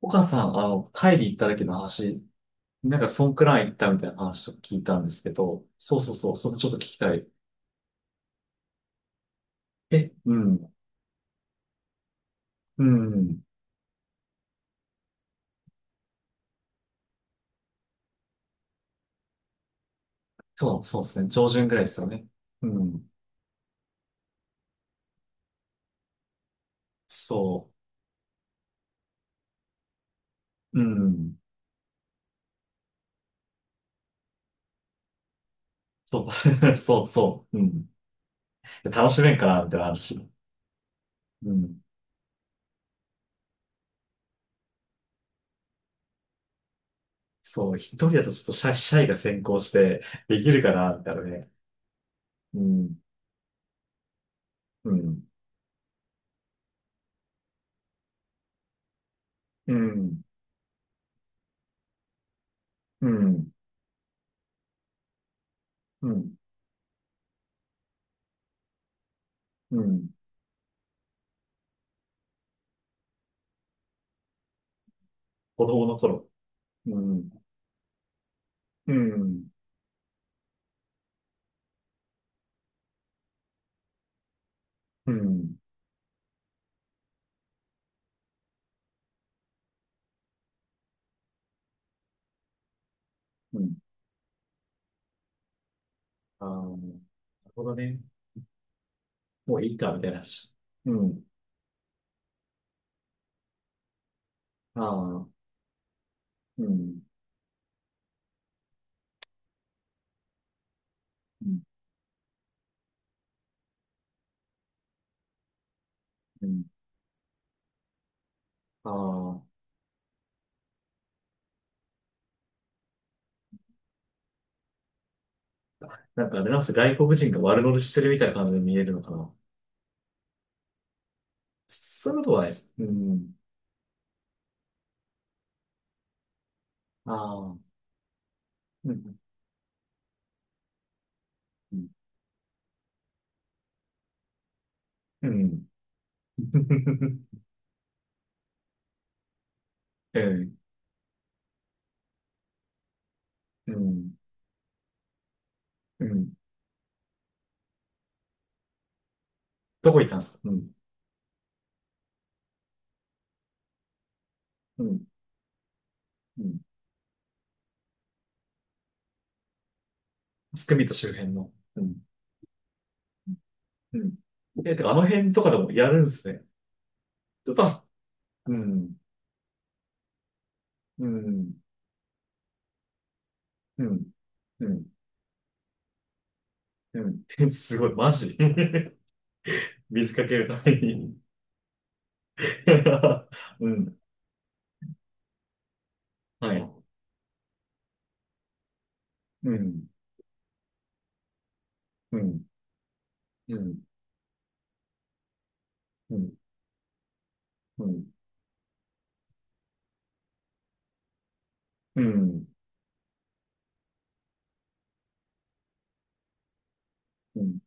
岡さん、タイで行った時の話、なんかそんくらい行ったみたいな話を聞いたんですけど、そうそうそう、それちょっと聞きたい。え、うん、うん、そう、そうですね、上旬ぐらいですよね。うん、そう、うん、そう、そうそう、うん。楽しめんかな、みたいな話。うん、そう、一人だとちょっとシャイが先行して、できるかな、みたいなね。うん、うん、うん、うん、うん、うん、子供の頃。うん、うん、うん。うん。ああ、なるほどね。もういいか、みたいな。うん。ああ、うん。うん。うん。ああ、なんかあれなんすか、外国人が悪乗りしてるみたいな感じで見えるのかな。そういうことはないです。うん。ああ、うん。うん。うん。うん。うん。うん。どこ行ったんですか？うん。うん。うん。スクミット周辺の。うん。うん。え、てかあの辺とかでもやるんですね。ちょっと、うん。うん。うん。うん。うん。すごい、マジ。水かけるために。うん。はい。うん。うん。うん。うん。うん。うん。うん。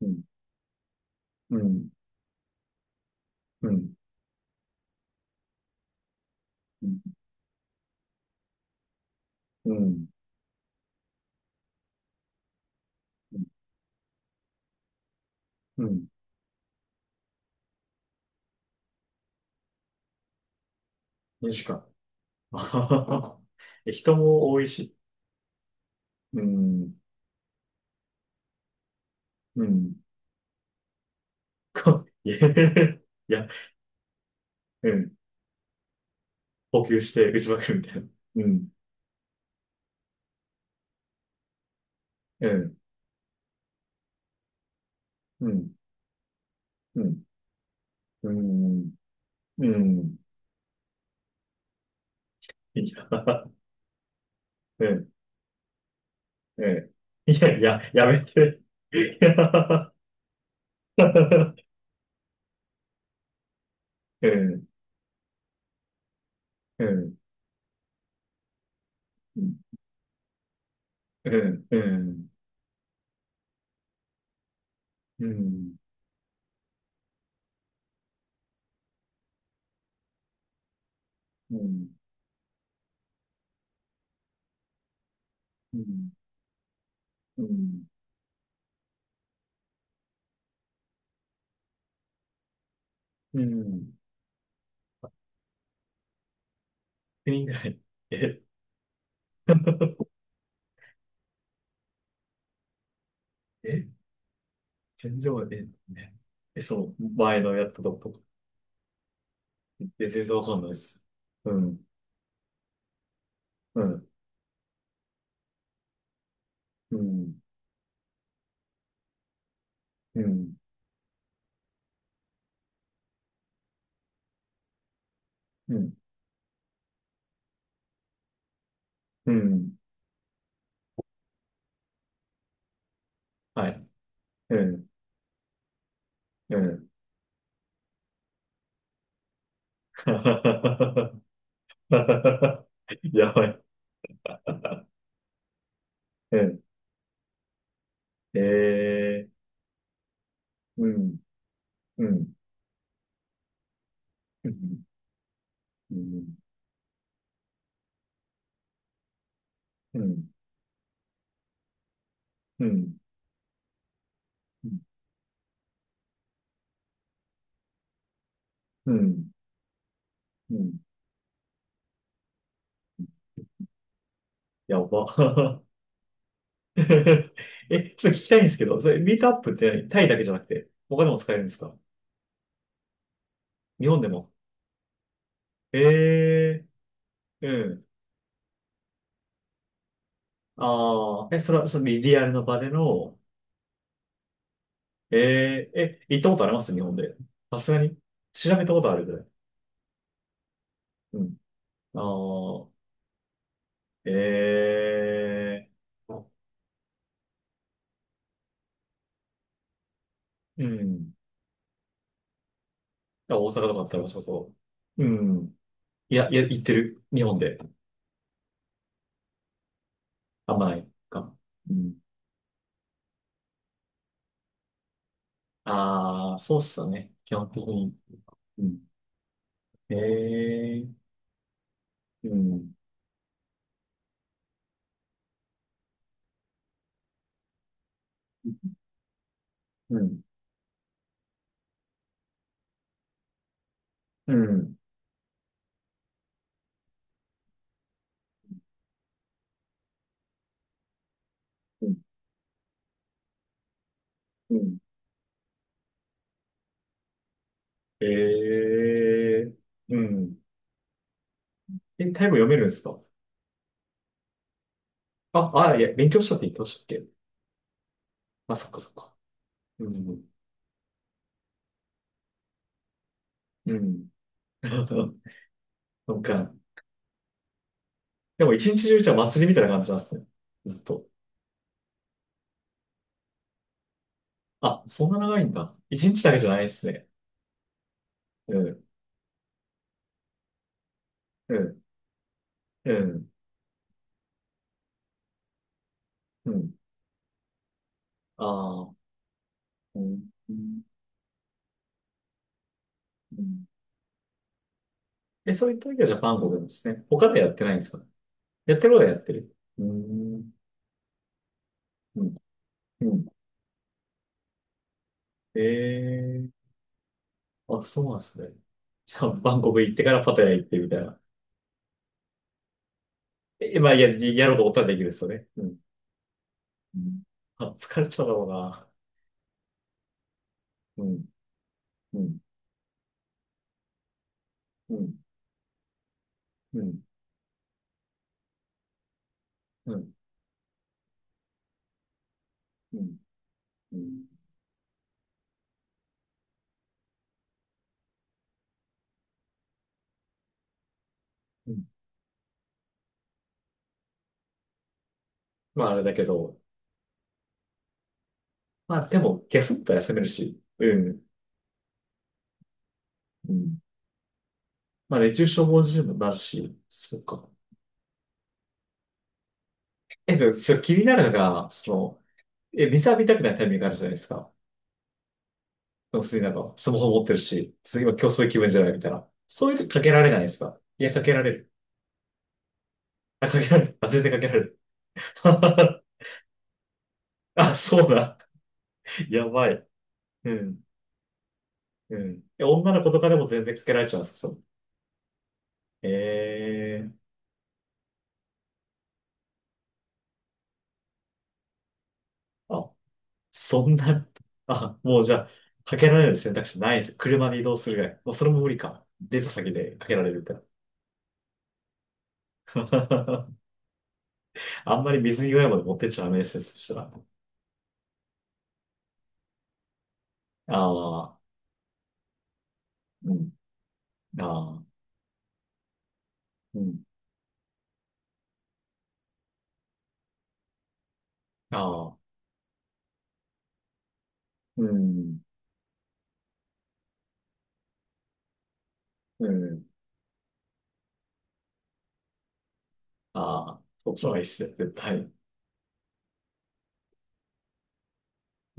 うん。うん。うん。うん。うん。うん。マジか。あはははえ、人も多いし。うん。うん。か、いや、いや、うん。補給して打ちまくるみたいな。うん。うん。うん。うん。うん。うん。いや、うん。うん。いやいや、やめて。いや。ええ、ええ、ええ、ええ、うん、うん、うん、うん、うん、人ぐらい。え、え、全然わかんない。え、え、そう、前のやったとことか。え、全然わかんないです。うん、うん、うん、うん、うん、うん、はい、うん、うん。やばい。うん、ええ、うん、うん、うん、うん、うん、うん、うん、うん。やば。え、ちょっと聞きたいんですけど、それ、ミートアップって何、タイだけじゃなくて、他でも使えるんですか？日本でも。ええー。うん。ああ、え、それは、そのリアルの場での、ええー、え、行ったことあります日本で。さすがに。調べたことあるぐらい。うん。ああ、ええー。うん。あ、大阪とかだったら、そこ。うん。いや、いや、行ってる。日本で。あんまないか。うん。ああ、そうっすよね。基本的に。うん。ええ。うん、うん、うん、うん、うん。ええ。うん。え、タイ語読めるんですか？あ、あ、いや、勉強したって言ってましたっけ？あ、そっかそっか。うん、うん。なんか、でも一日中じゃあ祭りみたいな感じなんですね。ずっと。あ、そんな長いんだ。一日だけじゃないですね。うん、うん、うん、うん。ああ、うん、うん。うん。え、そういった時はジャパン語なんですね。他ではやってないんですか？やってることはやってる。うん、うん、うん。ええ。あ、そうなんですね。じゃあ、バンコク行ってからパタヤ行ってみたいな。え、まあ、やろうと思ったらできるですよね。うん。うん。あ、疲れちゃうだろうな。うん、うん、うん、うん、うん、うん、うん。うん。まあ、あれだけど、まあ、でも、休むと休めるし、うん、うん。まあ、熱中症防止にもなるし、そうか。え、でも、それ気になるのが、水浴びたくないタイミングあるじゃないですか。普通になんか、スマホ持ってるし、次は競争気分じゃないみたいな。そういう時かけられないですか？いや、かけられる。あ、かけられる。あ、全然かけられる。あ、そうだ。やばい。うん。うん。え、女の子とかでも全然かけられちゃうんですか？そのええー。あ、そんな、あ、もうじゃあ、かけられる選択肢ないです。車で移動するぐらい。もうそれも無理か。出た先でかけられるみたいな。あんまり水際まで持ってっちゃダメですね。そしたら。ああ、うん。ああ、うん。ああ、うん。うん。ああ、そっちの方がいいっすよ、絶対。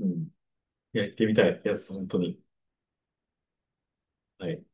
うん。いや、行ってみたいやつ、本当に。はい。